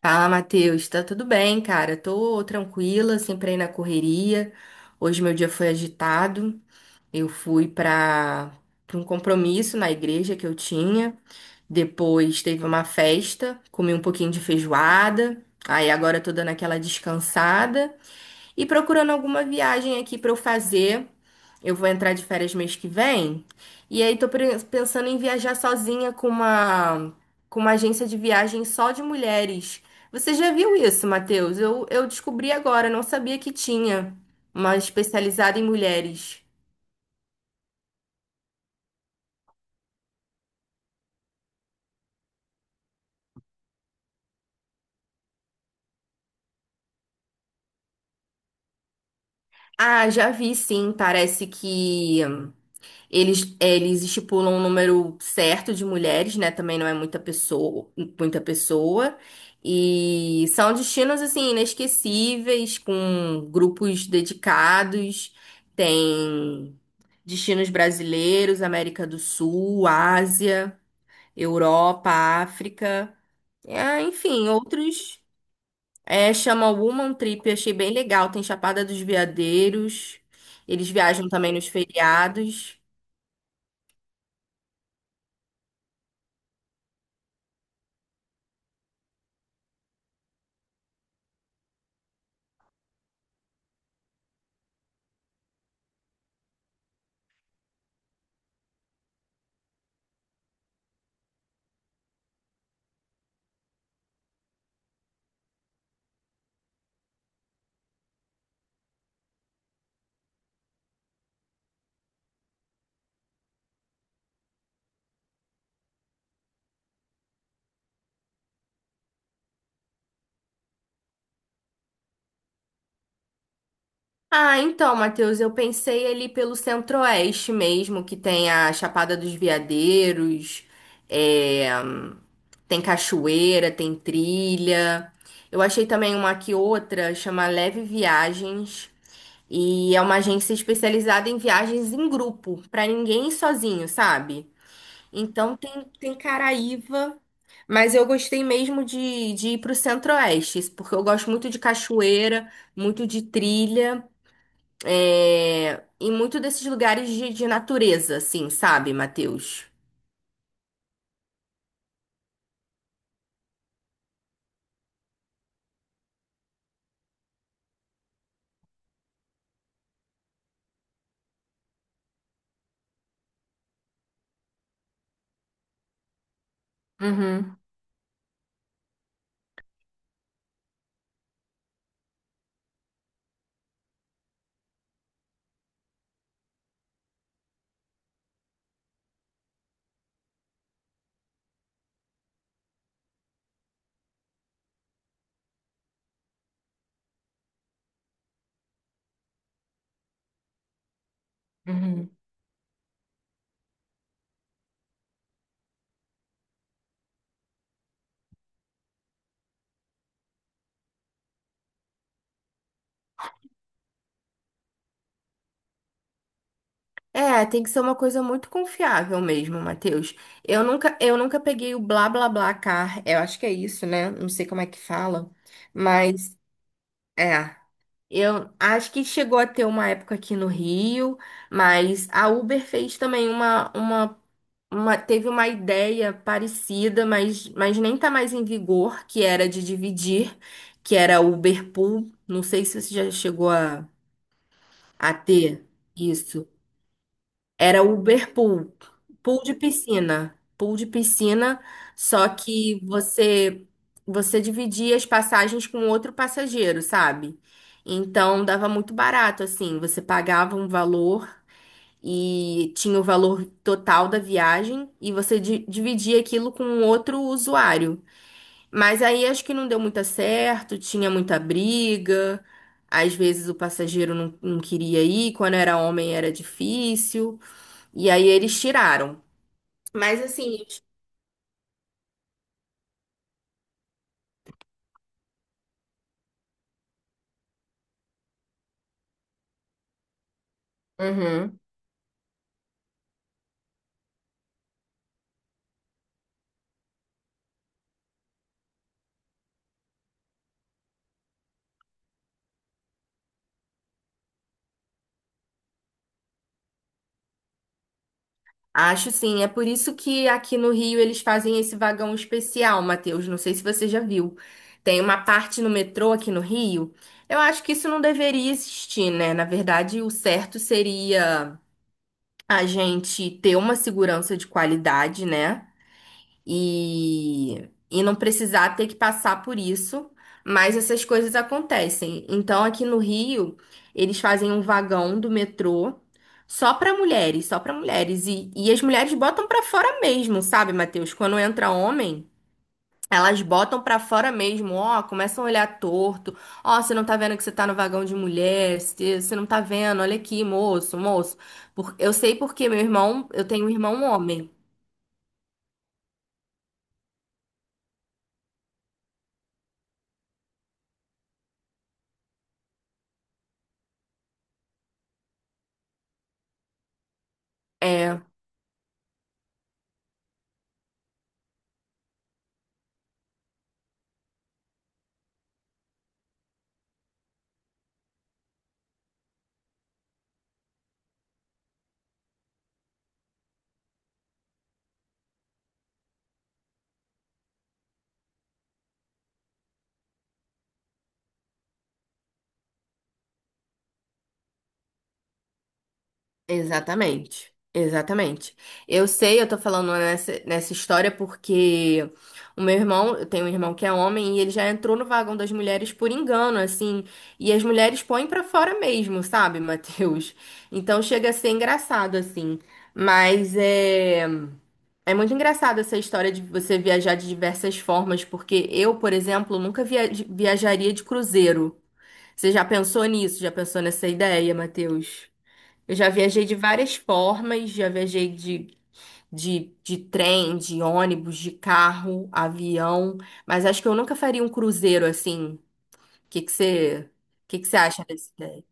Fala, Matheus. Tá tudo bem, cara? Tô tranquila, sempre aí na correria. Hoje meu dia foi agitado. Eu fui para um compromisso na igreja que eu tinha. Depois teve uma festa, comi um pouquinho de feijoada. Aí agora eu tô dando aquela descansada. E procurando alguma viagem aqui pra eu fazer. Eu vou entrar de férias mês que vem. E aí tô pensando em viajar sozinha com uma agência de viagem só de mulheres. Você já viu isso, Matheus? Eu descobri agora, não sabia que tinha uma especializada em mulheres. Ah, já vi sim. Parece que eles estipulam um número certo de mulheres, né? Também não é muita pessoa, muita pessoa. E são destinos assim inesquecíveis, com grupos dedicados. Tem destinos brasileiros, América do Sul, Ásia, Europa, África. É, enfim, outros. É, chama Woman Trip, achei bem legal. Tem Chapada dos Veadeiros. Eles viajam também nos feriados. Ah, então, Matheus, eu pensei ali pelo Centro-Oeste mesmo, que tem a Chapada dos Veadeiros, é, tem cachoeira, tem trilha. Eu achei também uma aqui outra, chama Leve Viagens, e é uma agência especializada em viagens em grupo, pra ninguém ir sozinho, sabe? Então tem, tem Caraíva, mas eu gostei mesmo de, ir pro Centro-Oeste, porque eu gosto muito de cachoeira, muito de trilha é, em muito desses lugares de natureza, assim, sabe, Matheus? Uhum, uhum. É, tem que ser uma coisa muito confiável mesmo, Matheus. Eu nunca peguei o blá blá blá car. Eu acho que é isso, né? Não sei como é que fala, mas é. Eu acho que chegou a ter uma época aqui no Rio, mas a Uber fez também teve uma ideia parecida, mas nem tá mais em vigor, que era de dividir, que era o Uberpool. Não sei se você já chegou a, ter isso. Era o Uberpool, pool de piscina, só que você dividia as passagens com outro passageiro, sabe? Então dava muito barato assim, você pagava um valor e tinha o valor total da viagem e você dividia aquilo com um outro usuário. Mas aí acho que não deu muito certo, tinha muita briga, às vezes o passageiro não queria ir, quando era homem era difícil, e aí eles tiraram. Mas assim, uhum. Acho sim, é por isso que aqui no Rio eles fazem esse vagão especial, Matheus. Não sei se você já viu. Tem uma parte no metrô aqui no Rio. Eu acho que isso não deveria existir, né? Na verdade, o certo seria a gente ter uma segurança de qualidade, né? E não precisar ter que passar por isso, mas essas coisas acontecem. Então, aqui no Rio, eles fazem um vagão do metrô só para mulheres, só para mulheres. E as mulheres botam para fora mesmo, sabe, Matheus? Quando entra homem. Elas botam pra fora mesmo, ó, começam a olhar torto. Ó, você não tá vendo que você tá no vagão de mulher, você não tá vendo, olha aqui, moço, moço. Eu sei porque meu irmão, eu tenho um irmão homem. É, exatamente, exatamente. Eu sei, eu tô falando nessa história porque o meu irmão, eu tenho um irmão que é homem e ele já entrou no vagão das mulheres por engano, assim, e as mulheres põem pra fora mesmo, sabe, Matheus? Então chega a ser engraçado, assim. Mas é, é muito engraçado essa história de você viajar de diversas formas, porque eu, por exemplo, nunca viajaria de cruzeiro. Você já pensou nisso? Já pensou nessa ideia, Matheus? Eu já viajei de várias formas, já viajei de, de trem, de ônibus, de carro, avião, mas acho que eu nunca faria um cruzeiro assim. O que que você, Que você acha dessa ideia?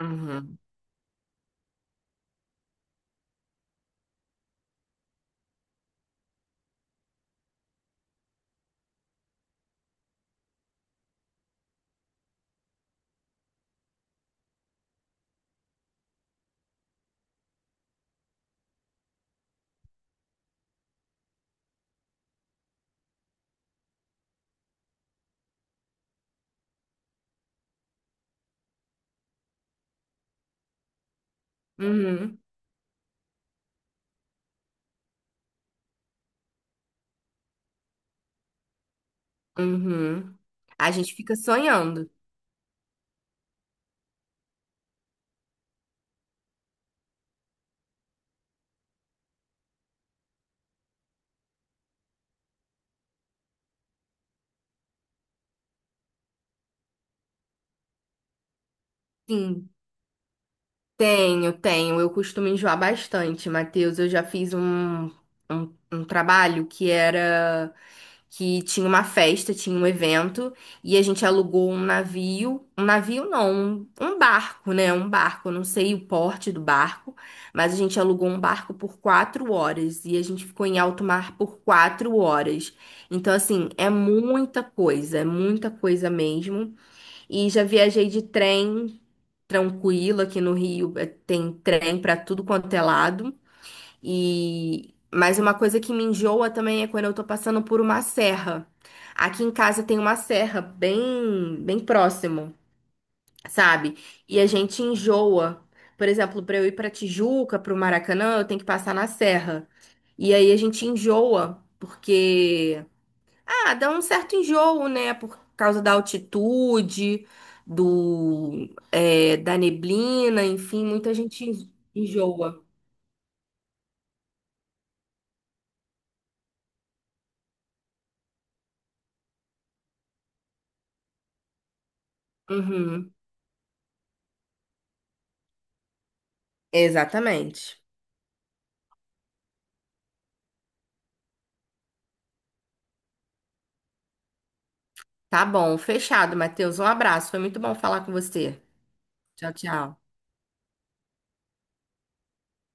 Uhum. Uhum. Uhum. A gente fica sonhando. Sim, tenho, tenho. Eu costumo enjoar bastante, Matheus. Eu já fiz um trabalho que era. Que tinha uma festa, tinha um evento, e a gente alugou um navio não, um barco, né? Um barco, eu não sei o porte do barco, mas a gente alugou um barco por 4 horas e a gente ficou em alto mar por 4 horas. Então, assim, é muita coisa mesmo. E já viajei de trem. Tranquilo, aqui no Rio eh, tem trem para tudo quanto é lado. E mas uma coisa que me enjoa também é quando eu tô passando por uma serra. Aqui em casa tem uma serra bem bem próximo, sabe? E a gente enjoa. Por exemplo, para eu ir para Tijuca, para o Maracanã, eu tenho que passar na serra. E aí a gente enjoa porque ah, dá um certo enjoo, né? Por causa da altitude, do da neblina, enfim, muita gente enjoa. Uhum. Exatamente. Tá bom, fechado, Matheus. Um abraço. Foi muito bom falar com você. Tchau, tchau.